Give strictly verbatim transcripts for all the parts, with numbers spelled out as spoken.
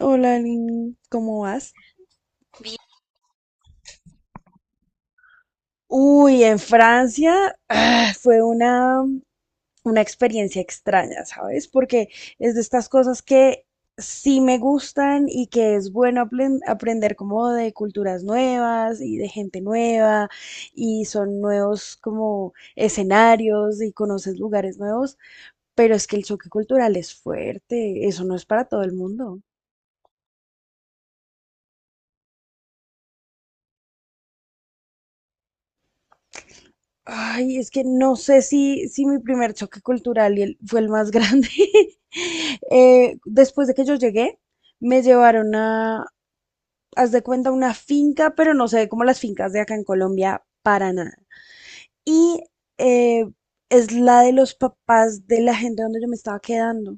Hola, Lin, ¿cómo vas? Uy, en Francia ah, fue una, una experiencia extraña, ¿sabes? Porque es de estas cosas que sí me gustan y que es bueno apren- aprender como de culturas nuevas y de gente nueva y son nuevos como escenarios y conoces lugares nuevos, pero es que el choque cultural es fuerte, eso no es para todo el mundo. Ay, es que no sé si, si mi primer choque cultural y el- fue el más grande. Eh, después de que yo llegué, me llevaron a, haz de cuenta, una finca, pero no se ve como las fincas de acá en Colombia para nada. Y eh, es la de los papás de la gente donde yo me estaba quedando.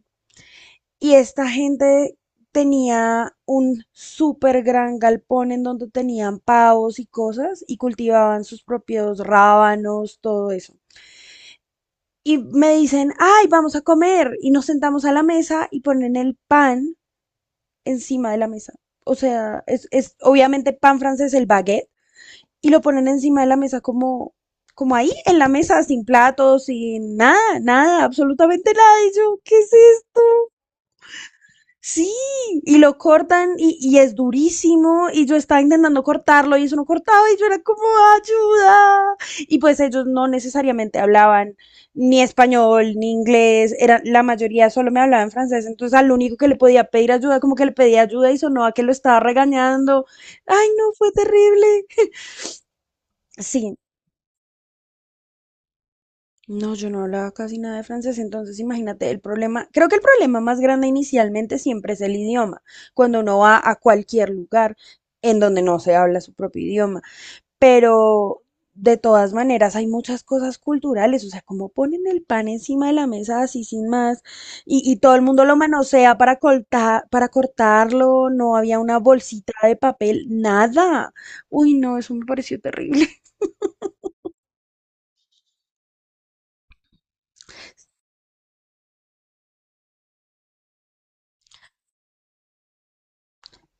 Y esta gente tenía un súper gran galpón en donde tenían pavos y cosas y cultivaban sus propios rábanos, todo eso. Y me dicen, ay, vamos a comer. Y nos sentamos a la mesa y ponen el pan encima de la mesa. O sea, es, es obviamente pan francés, el baguette, y lo ponen encima de la mesa como, como ahí, en la mesa, sin platos, sin nada, nada, absolutamente nada. Y yo, ¿qué es? Sí, y lo cortan y, y es durísimo y yo estaba intentando cortarlo y eso no cortaba y yo era como ayuda. Y pues ellos no necesariamente hablaban ni español ni inglés, era, la mayoría solo me hablaba en francés, entonces al único que le podía pedir ayuda, como que le pedía ayuda y sonó a que lo estaba regañando. Ay, no, fue terrible. Sí. No, yo no hablaba casi nada de francés, entonces imagínate el problema. Creo que el problema más grande inicialmente siempre es el idioma, cuando uno va a cualquier lugar en donde no se habla su propio idioma. Pero de todas maneras hay muchas cosas culturales, o sea, como ponen el pan encima de la mesa así sin más y, y todo el mundo lo manosea para cortar, para cortarlo, no había una bolsita de papel, nada. Uy, no, eso me pareció terrible.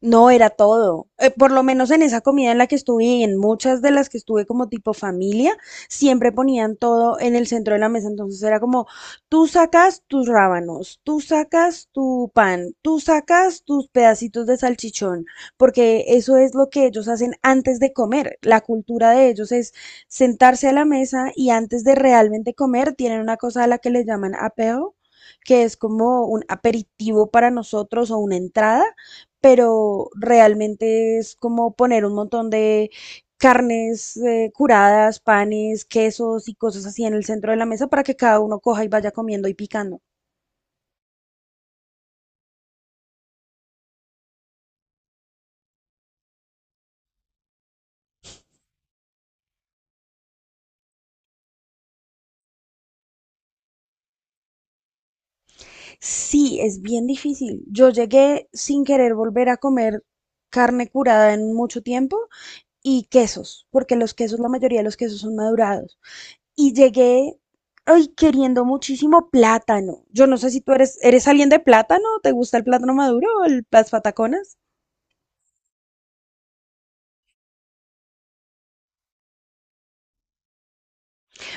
No, era todo. Eh, por lo menos en esa comida en la que estuve y en muchas de las que estuve como tipo familia, siempre ponían todo en el centro de la mesa. Entonces era como, tú sacas tus rábanos, tú sacas tu pan, tú sacas tus pedacitos de salchichón, porque eso es lo que ellos hacen antes de comer. La cultura de ellos es sentarse a la mesa y antes de realmente comer tienen una cosa a la que le llaman apeo, que es como un aperitivo para nosotros o una entrada, pero realmente es como poner un montón de carnes eh, curadas, panes, quesos y cosas así en el centro de la mesa para que cada uno coja y vaya comiendo y picando. Sí, es bien difícil. Yo llegué sin querer volver a comer carne curada en mucho tiempo y quesos, porque los quesos, la mayoría de los quesos son madurados. Y llegué, ay, queriendo muchísimo plátano. Yo no sé si tú eres, eres alguien de plátano, ¿te gusta el plátano maduro o el- las pataconas?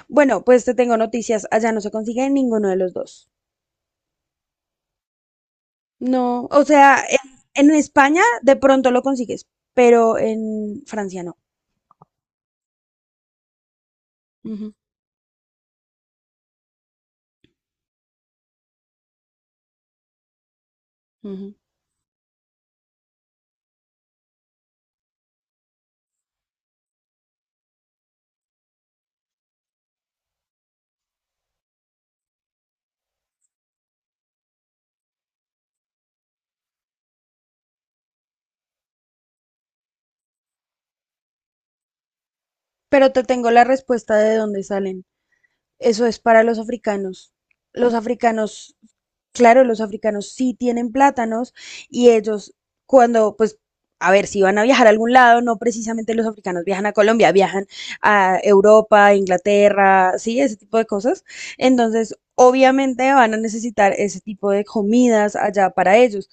Bueno, pues te tengo noticias. Allá no se consigue ninguno de los dos. No, o sea, en, en España de pronto lo consigues, pero en Francia no. Ujú, ujú. Pero te tengo la respuesta de dónde salen. Eso es para los africanos. Los africanos, claro, los africanos sí tienen plátanos y ellos cuando, pues, a ver, si van a viajar a algún lado, no precisamente los africanos viajan a Colombia, viajan a Europa, Inglaterra, sí, ese tipo de cosas. Entonces, obviamente van a necesitar ese tipo de comidas allá para ellos.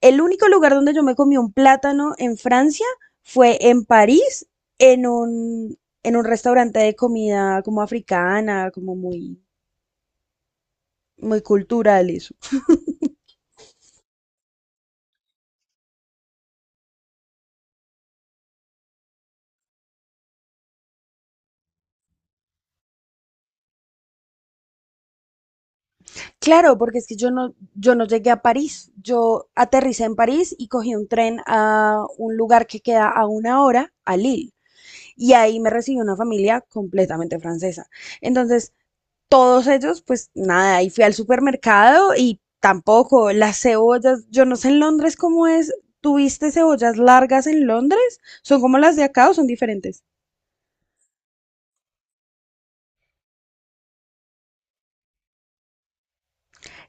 El único lugar donde yo me comí un plátano en Francia fue en París, en un, en un restaurante de comida como africana, como muy, muy cultural eso. Claro, porque es que yo no, yo no llegué a París. Yo aterricé en París y cogí un tren a un lugar que queda a una hora, a Lille. Y ahí me recibió una familia completamente francesa. Entonces, todos ellos, pues nada, y fui al supermercado y tampoco las cebollas, yo no sé en Londres cómo es, ¿tuviste cebollas largas en Londres? ¿Son como las de acá o son diferentes?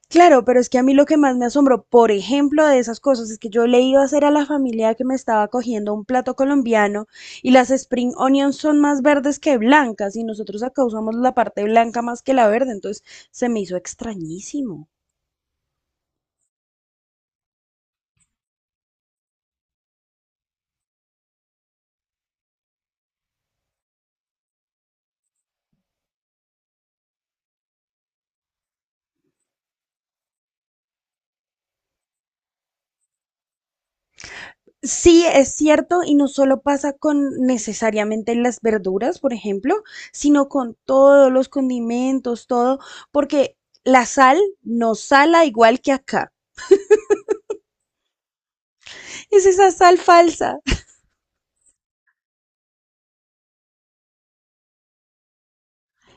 Claro, pero es que a mí lo que más me asombró, por ejemplo, de esas cosas, es que yo le iba a hacer a la familia que me estaba cogiendo un plato colombiano y las spring onions son más verdes que blancas y nosotros acá usamos la parte blanca más que la verde, entonces se me hizo extrañísimo. Sí, es cierto, y no solo pasa con necesariamente las verduras, por ejemplo, sino con todos los condimentos, todo, porque la sal no sala igual que acá. Es esa sal falsa.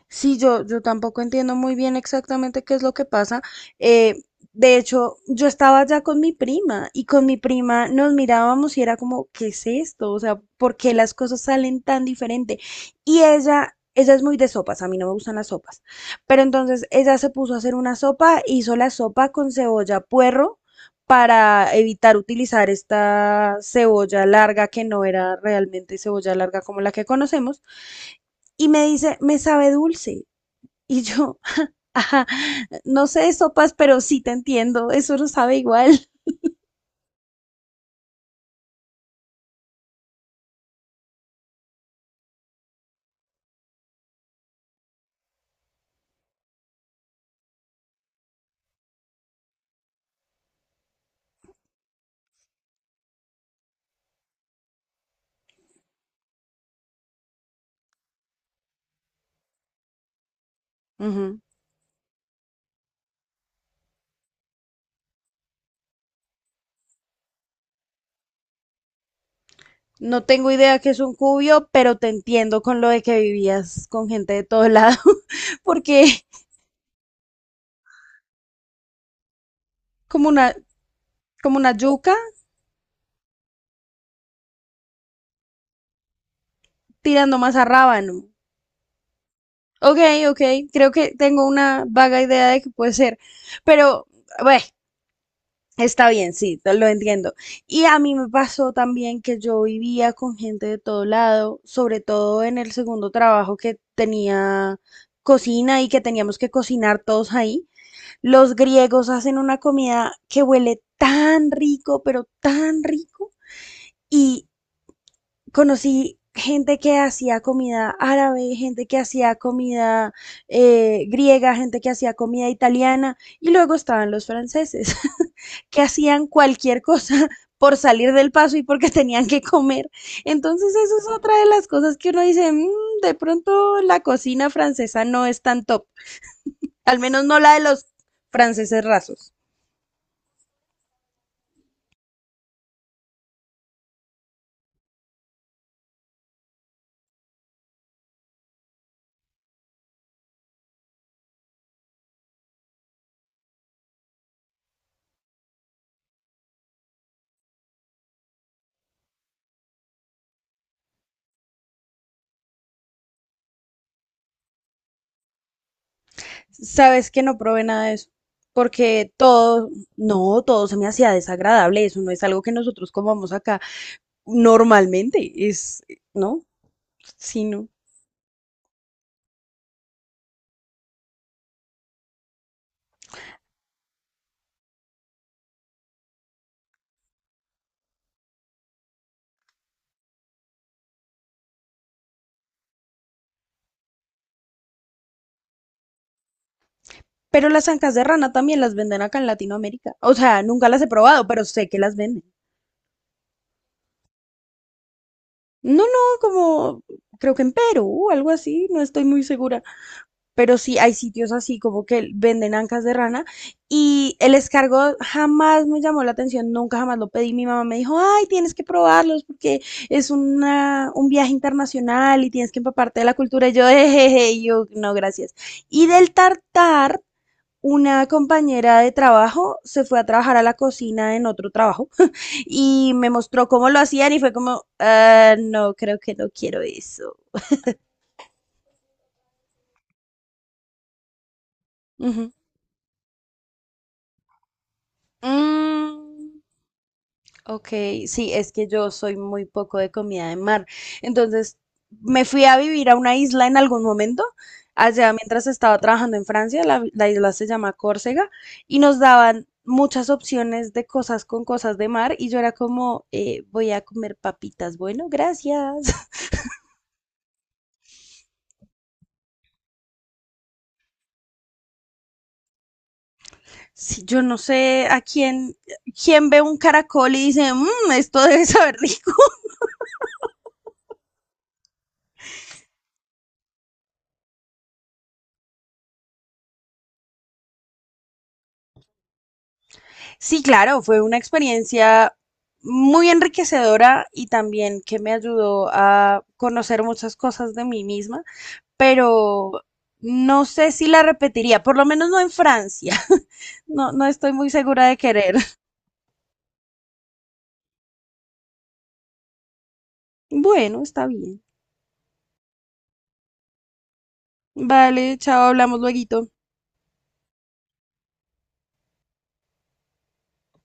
Sí, yo, yo tampoco entiendo muy bien exactamente qué es lo que pasa. Eh, de hecho, yo estaba ya con mi prima y con mi prima nos mirábamos y era como, ¿qué es esto? O sea, ¿por qué las cosas salen tan diferente? Y ella, ella es muy de sopas, a mí no me gustan las sopas. Pero entonces ella se puso a hacer una sopa, hizo la sopa con cebolla puerro para evitar utilizar esta cebolla larga que no era realmente cebolla larga como la que conocemos. Y me dice, me sabe dulce. Y yo, ajá, no sé, sopas, pero sí te entiendo, eso no sabe igual. Ujú. No tengo idea que es un cubio, pero te entiendo con lo de que vivías con gente de todo lado, porque como una, como una yuca tirando más a rábano. Ok, ok, creo que tengo una vaga idea de que puede ser, pero, bueno, está bien, sí, te lo entiendo. Y a mí me pasó también que yo vivía con gente de todo lado, sobre todo en el segundo trabajo que tenía cocina y que teníamos que cocinar todos ahí. Los griegos hacen una comida que huele tan rico, pero tan rico. Y conocí gente que hacía comida árabe, gente que hacía comida eh, griega, gente que hacía comida italiana y luego estaban los franceses que hacían cualquier cosa por salir del paso y porque tenían que comer. Entonces eso es otra de las cosas que uno dice, "Mm, de pronto la cocina francesa no es tan top, al menos no la de los franceses rasos". Sabes que no probé nada de eso, porque todo, no, todo se me hacía desagradable, eso no es algo que nosotros comamos acá normalmente, es, no, sí, no. Pero las ancas de rana también las venden acá en Latinoamérica. O sea, nunca las he probado, pero sé que las venden. No, no, como creo que en Perú, algo así, no estoy muy segura, pero sí hay sitios así como que venden ancas de rana y el escargot jamás me llamó la atención, nunca jamás lo pedí. Mi mamá me dijo, ay, tienes que probarlos porque es una, un viaje internacional y tienes que empaparte de la cultura. Y yo, jejeje, y yo, no, gracias. Y del tartar, una compañera de trabajo se fue a trabajar a la cocina en otro trabajo y me mostró cómo lo hacían y fue como, "Ah, no, creo que no quiero eso". Ujú. Mm, ok, sí, es que yo soy muy poco de comida de mar. Entonces, me fui a vivir a una isla en algún momento, allá mientras estaba trabajando en Francia, la, la isla se llama Córcega, y nos daban muchas opciones de cosas con cosas de mar, y yo era como, "Eh, voy a comer papitas, bueno, gracias". Sí, yo no sé a quién, quién ve un caracol y dice, "Mm, esto debe saber rico". Sí, claro, fue una experiencia muy enriquecedora y también que me ayudó a conocer muchas cosas de mí misma, pero no sé si la repetiría, por lo menos no en Francia. No, no estoy muy segura de querer. Bueno, está bien. Vale, chao, hablamos luego.